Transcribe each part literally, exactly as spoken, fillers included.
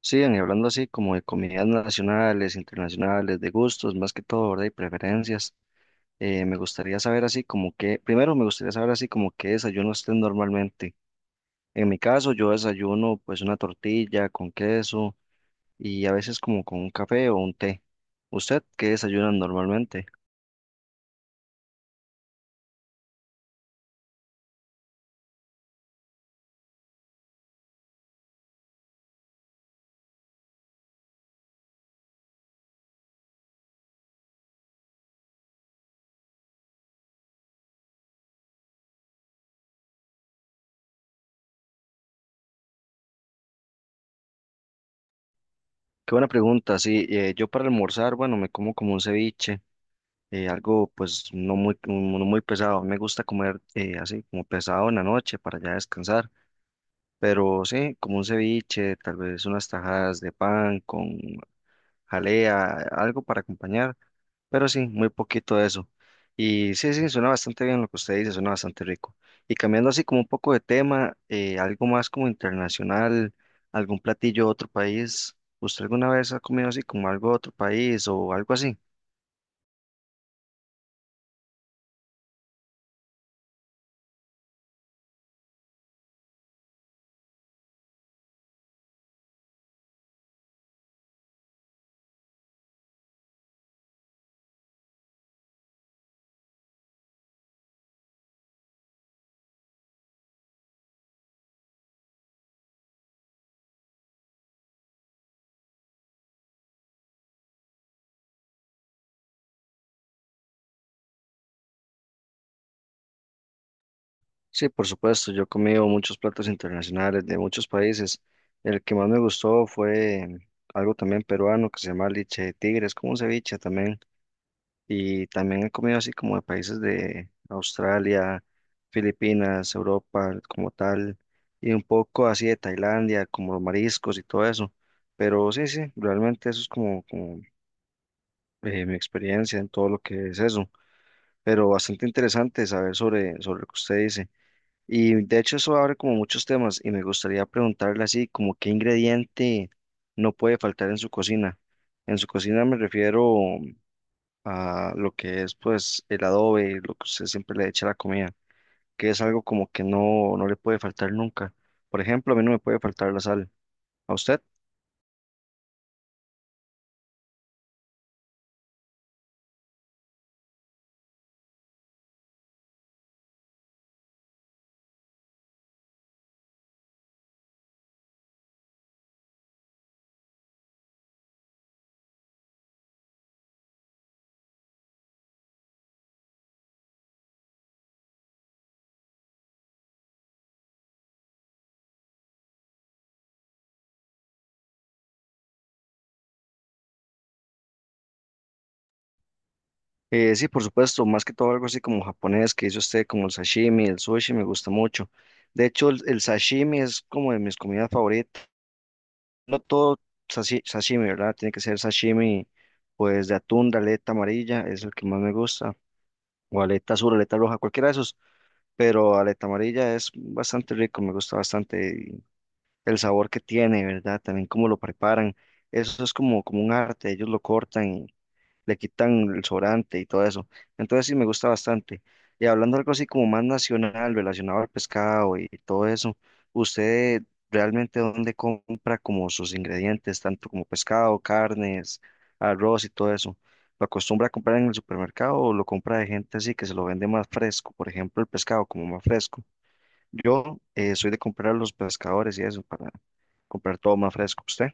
Sí, y hablando así como de comidas nacionales, internacionales, de gustos, más que todo, ¿verdad? Y preferencias. Eh, me gustaría saber así como que, primero me gustaría saber así como qué desayuno usted normalmente. En mi caso, yo desayuno pues una tortilla con queso y a veces como con un café o un té. ¿Usted qué desayuna normalmente? Qué buena pregunta, sí. Eh, yo para almorzar, bueno, me como como un ceviche, eh, algo pues no muy, no no muy pesado. Me gusta comer eh, así como pesado en la noche para ya descansar. Pero sí, como un ceviche, tal vez unas tajadas de pan con jalea, algo para acompañar, pero sí, muy poquito de eso. Y sí, sí, suena bastante bien lo que usted dice, suena bastante rico. Y cambiando así como un poco de tema, eh, algo más como internacional, algún platillo de otro país, ¿usted alguna vez ha comido así como algo de otro país o algo así? Sí, por supuesto, yo he comido muchos platos internacionales de muchos países. El que más me gustó fue mm, algo también peruano que se llama leche de tigre, es como un ceviche también. Y también he comido así como de países de Australia, Filipinas, Europa como tal, y un poco así de Tailandia, como los mariscos y todo eso. Pero sí, sí, realmente eso es como, como eh, mi experiencia en todo lo que es eso. Pero bastante interesante saber sobre, sobre lo que usted dice. Y de hecho eso abre como muchos temas y me gustaría preguntarle así como qué ingrediente no puede faltar en su cocina. En su cocina me refiero a lo que es pues el adobe, lo que usted siempre le echa a la comida, que es algo como que no, no le puede faltar nunca. Por ejemplo, a mí no me puede faltar la sal. ¿A usted? Eh, sí, por supuesto, más que todo algo así como japonés que hizo usted, como el sashimi, el sushi, me gusta mucho. De hecho, el, el sashimi es como de mis comidas favoritas. No todo sashi- sashimi, ¿verdad? Tiene que ser sashimi, pues de atún, de aleta amarilla, es el que más me gusta. O aleta azul, aleta roja, cualquiera de esos. Pero aleta amarilla es bastante rico, me gusta bastante y el sabor que tiene, ¿verdad? También cómo lo preparan. Eso es como, como un arte, ellos lo cortan, le quitan el sobrante y todo eso. Entonces sí me gusta bastante. Y hablando algo así como más nacional, relacionado al pescado y todo eso, ¿usted realmente dónde compra como sus ingredientes, tanto como pescado, carnes, arroz y todo eso? ¿Lo acostumbra a comprar en el supermercado o lo compra de gente así que se lo vende más fresco? Por ejemplo, el pescado como más fresco. Yo eh, soy de comprar a los pescadores y eso, para comprar todo más fresco. ¿Usted?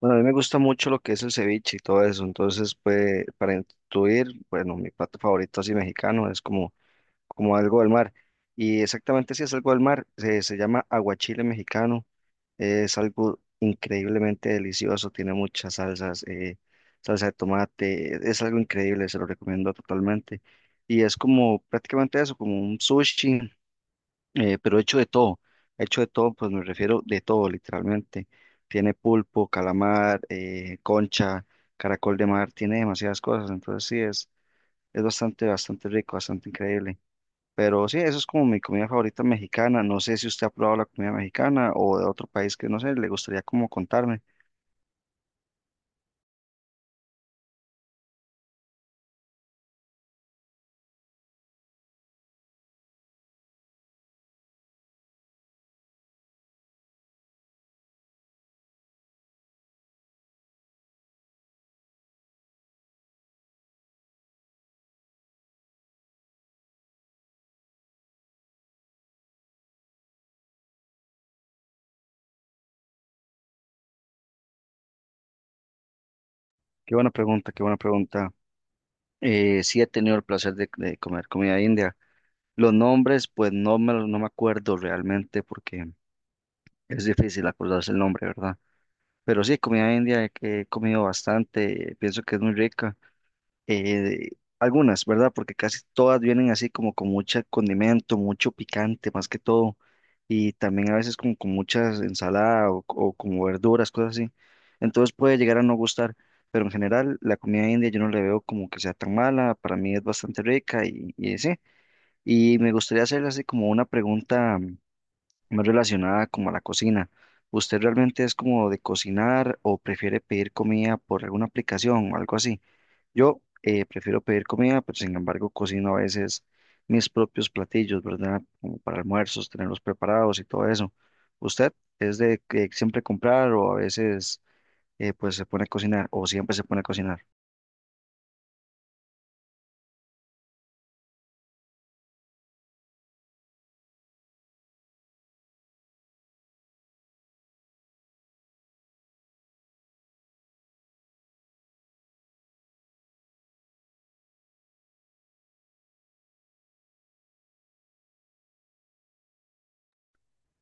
Bueno, a mí me gusta mucho lo que es el ceviche y todo eso, entonces, pues, para intuir, bueno, mi plato favorito así mexicano es como, como algo del mar, y exactamente si es algo del mar, se, se llama aguachile mexicano, es algo increíblemente delicioso, tiene muchas salsas, eh, salsa de tomate, es algo increíble, se lo recomiendo totalmente, y es como prácticamente eso, como un sushi, eh, pero hecho de todo, hecho de todo, pues me refiero de todo, literalmente. Tiene pulpo, calamar, eh, concha, caracol de mar, tiene demasiadas cosas, entonces sí, es, es bastante, bastante rico, bastante increíble. Pero sí, eso es como mi comida favorita mexicana. No sé si usted ha probado la comida mexicana o de otro país que no sé, le gustaría como contarme. Qué buena pregunta, qué buena pregunta. Eh, sí he tenido el placer de, de comer comida india. Los nombres, pues no me, los- no me acuerdo realmente porque es difícil acordarse el nombre, ¿verdad? Pero sí, comida india que he comido bastante, pienso que es muy rica. Eh, Algunas, ¿verdad? Porque casi todas vienen así como con mucho condimento, mucho picante más que todo. Y también a veces como con muchas ensaladas o, o como verduras, cosas así. Entonces puede llegar a no gustar, pero en general la comida india yo no le veo como que sea tan mala, para mí es bastante rica y, y sí. Y me gustaría hacerle así como una pregunta no relacionada como a la cocina. ¿Usted realmente es como de cocinar o prefiere pedir comida por alguna aplicación o algo así? Yo eh, prefiero pedir comida, pero sin embargo cocino a veces mis propios platillos, ¿verdad? Como para almuerzos, tenerlos preparados y todo eso. ¿Usted es de que siempre comprar o a veces eh, pues se pone a cocinar o siempre se pone a cocinar?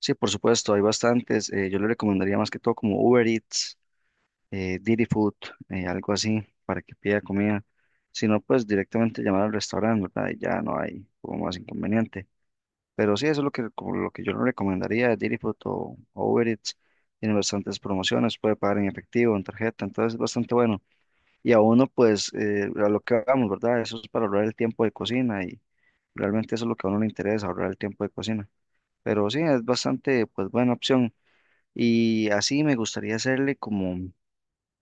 Sí, por supuesto, hay bastantes. Eh, yo le recomendaría más que todo como Uber Eats, eh, Didi Food, eh, algo así, para que pida comida. Si no, pues directamente llamar al restaurante, ¿verdad? Y ya no hay como más inconveniente. Pero sí, eso es lo que, como lo que yo le recomendaría, Didi Food o, o Uber Eats. Tiene bastantes promociones, puede pagar en efectivo, en tarjeta, entonces es bastante bueno. Y a uno, pues, eh, a lo que hagamos, ¿verdad? Eso es para ahorrar el tiempo de cocina y realmente eso es lo que a uno le interesa, ahorrar el tiempo de cocina. Pero sí, es bastante, pues, buena opción. Y así me gustaría hacerle como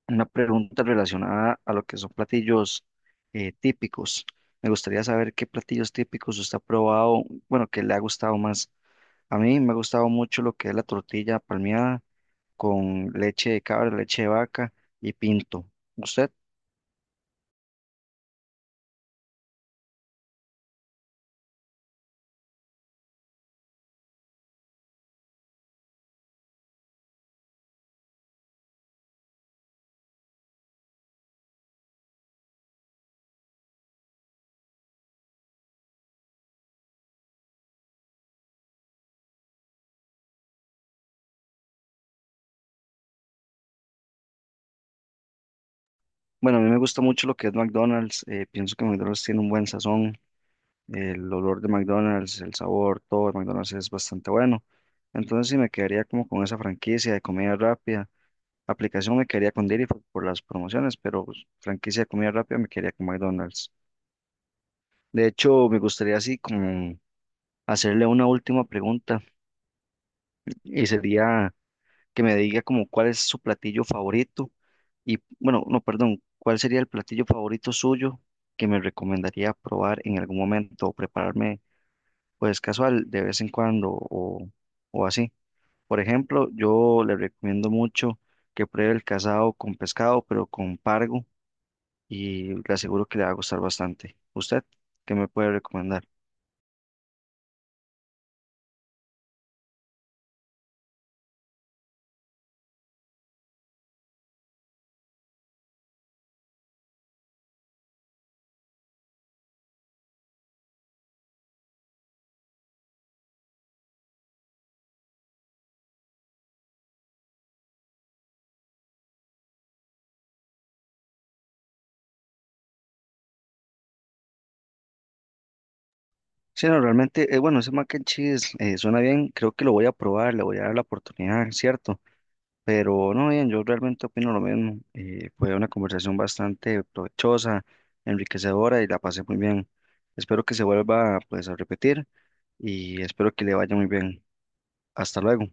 una pregunta relacionada a lo que son platillos eh, típicos. Me gustaría saber qué platillos típicos usted ha probado, bueno, que le ha gustado más. A mí me ha gustado mucho lo que es la tortilla palmeada con leche de cabra, leche de vaca y pinto. ¿Usted? Bueno, a mí me gusta mucho lo que es McDonald's. Eh, pienso que McDonald's tiene un buen sazón. El olor de McDonald's, el sabor, todo de McDonald's es bastante bueno. Entonces sí me quedaría como con esa franquicia de comida rápida. Aplicación me quedaría con Didi por, por las promociones, pero pues, franquicia de comida rápida me quedaría con McDonald's. De hecho, me gustaría así como hacerle una última pregunta y sería que me diga como cuál es su platillo favorito y, bueno, no, perdón, cuál sería el platillo favorito suyo que me recomendaría probar en algún momento o prepararme pues casual de vez en cuando o, o así. Por ejemplo, yo le recomiendo mucho que pruebe el casado con pescado, pero con pargo y le aseguro que le va a gustar bastante. ¿Usted qué me puede recomendar? Sí, no, realmente, eh, bueno, ese mac and cheese eh, suena bien, creo que lo voy a probar, le voy a dar la oportunidad, ¿cierto? Pero no, bien, yo realmente opino lo mismo. Eh, fue una conversación bastante provechosa, enriquecedora y la pasé muy bien. Espero que se vuelva pues a repetir y espero que le vaya muy bien. Hasta luego.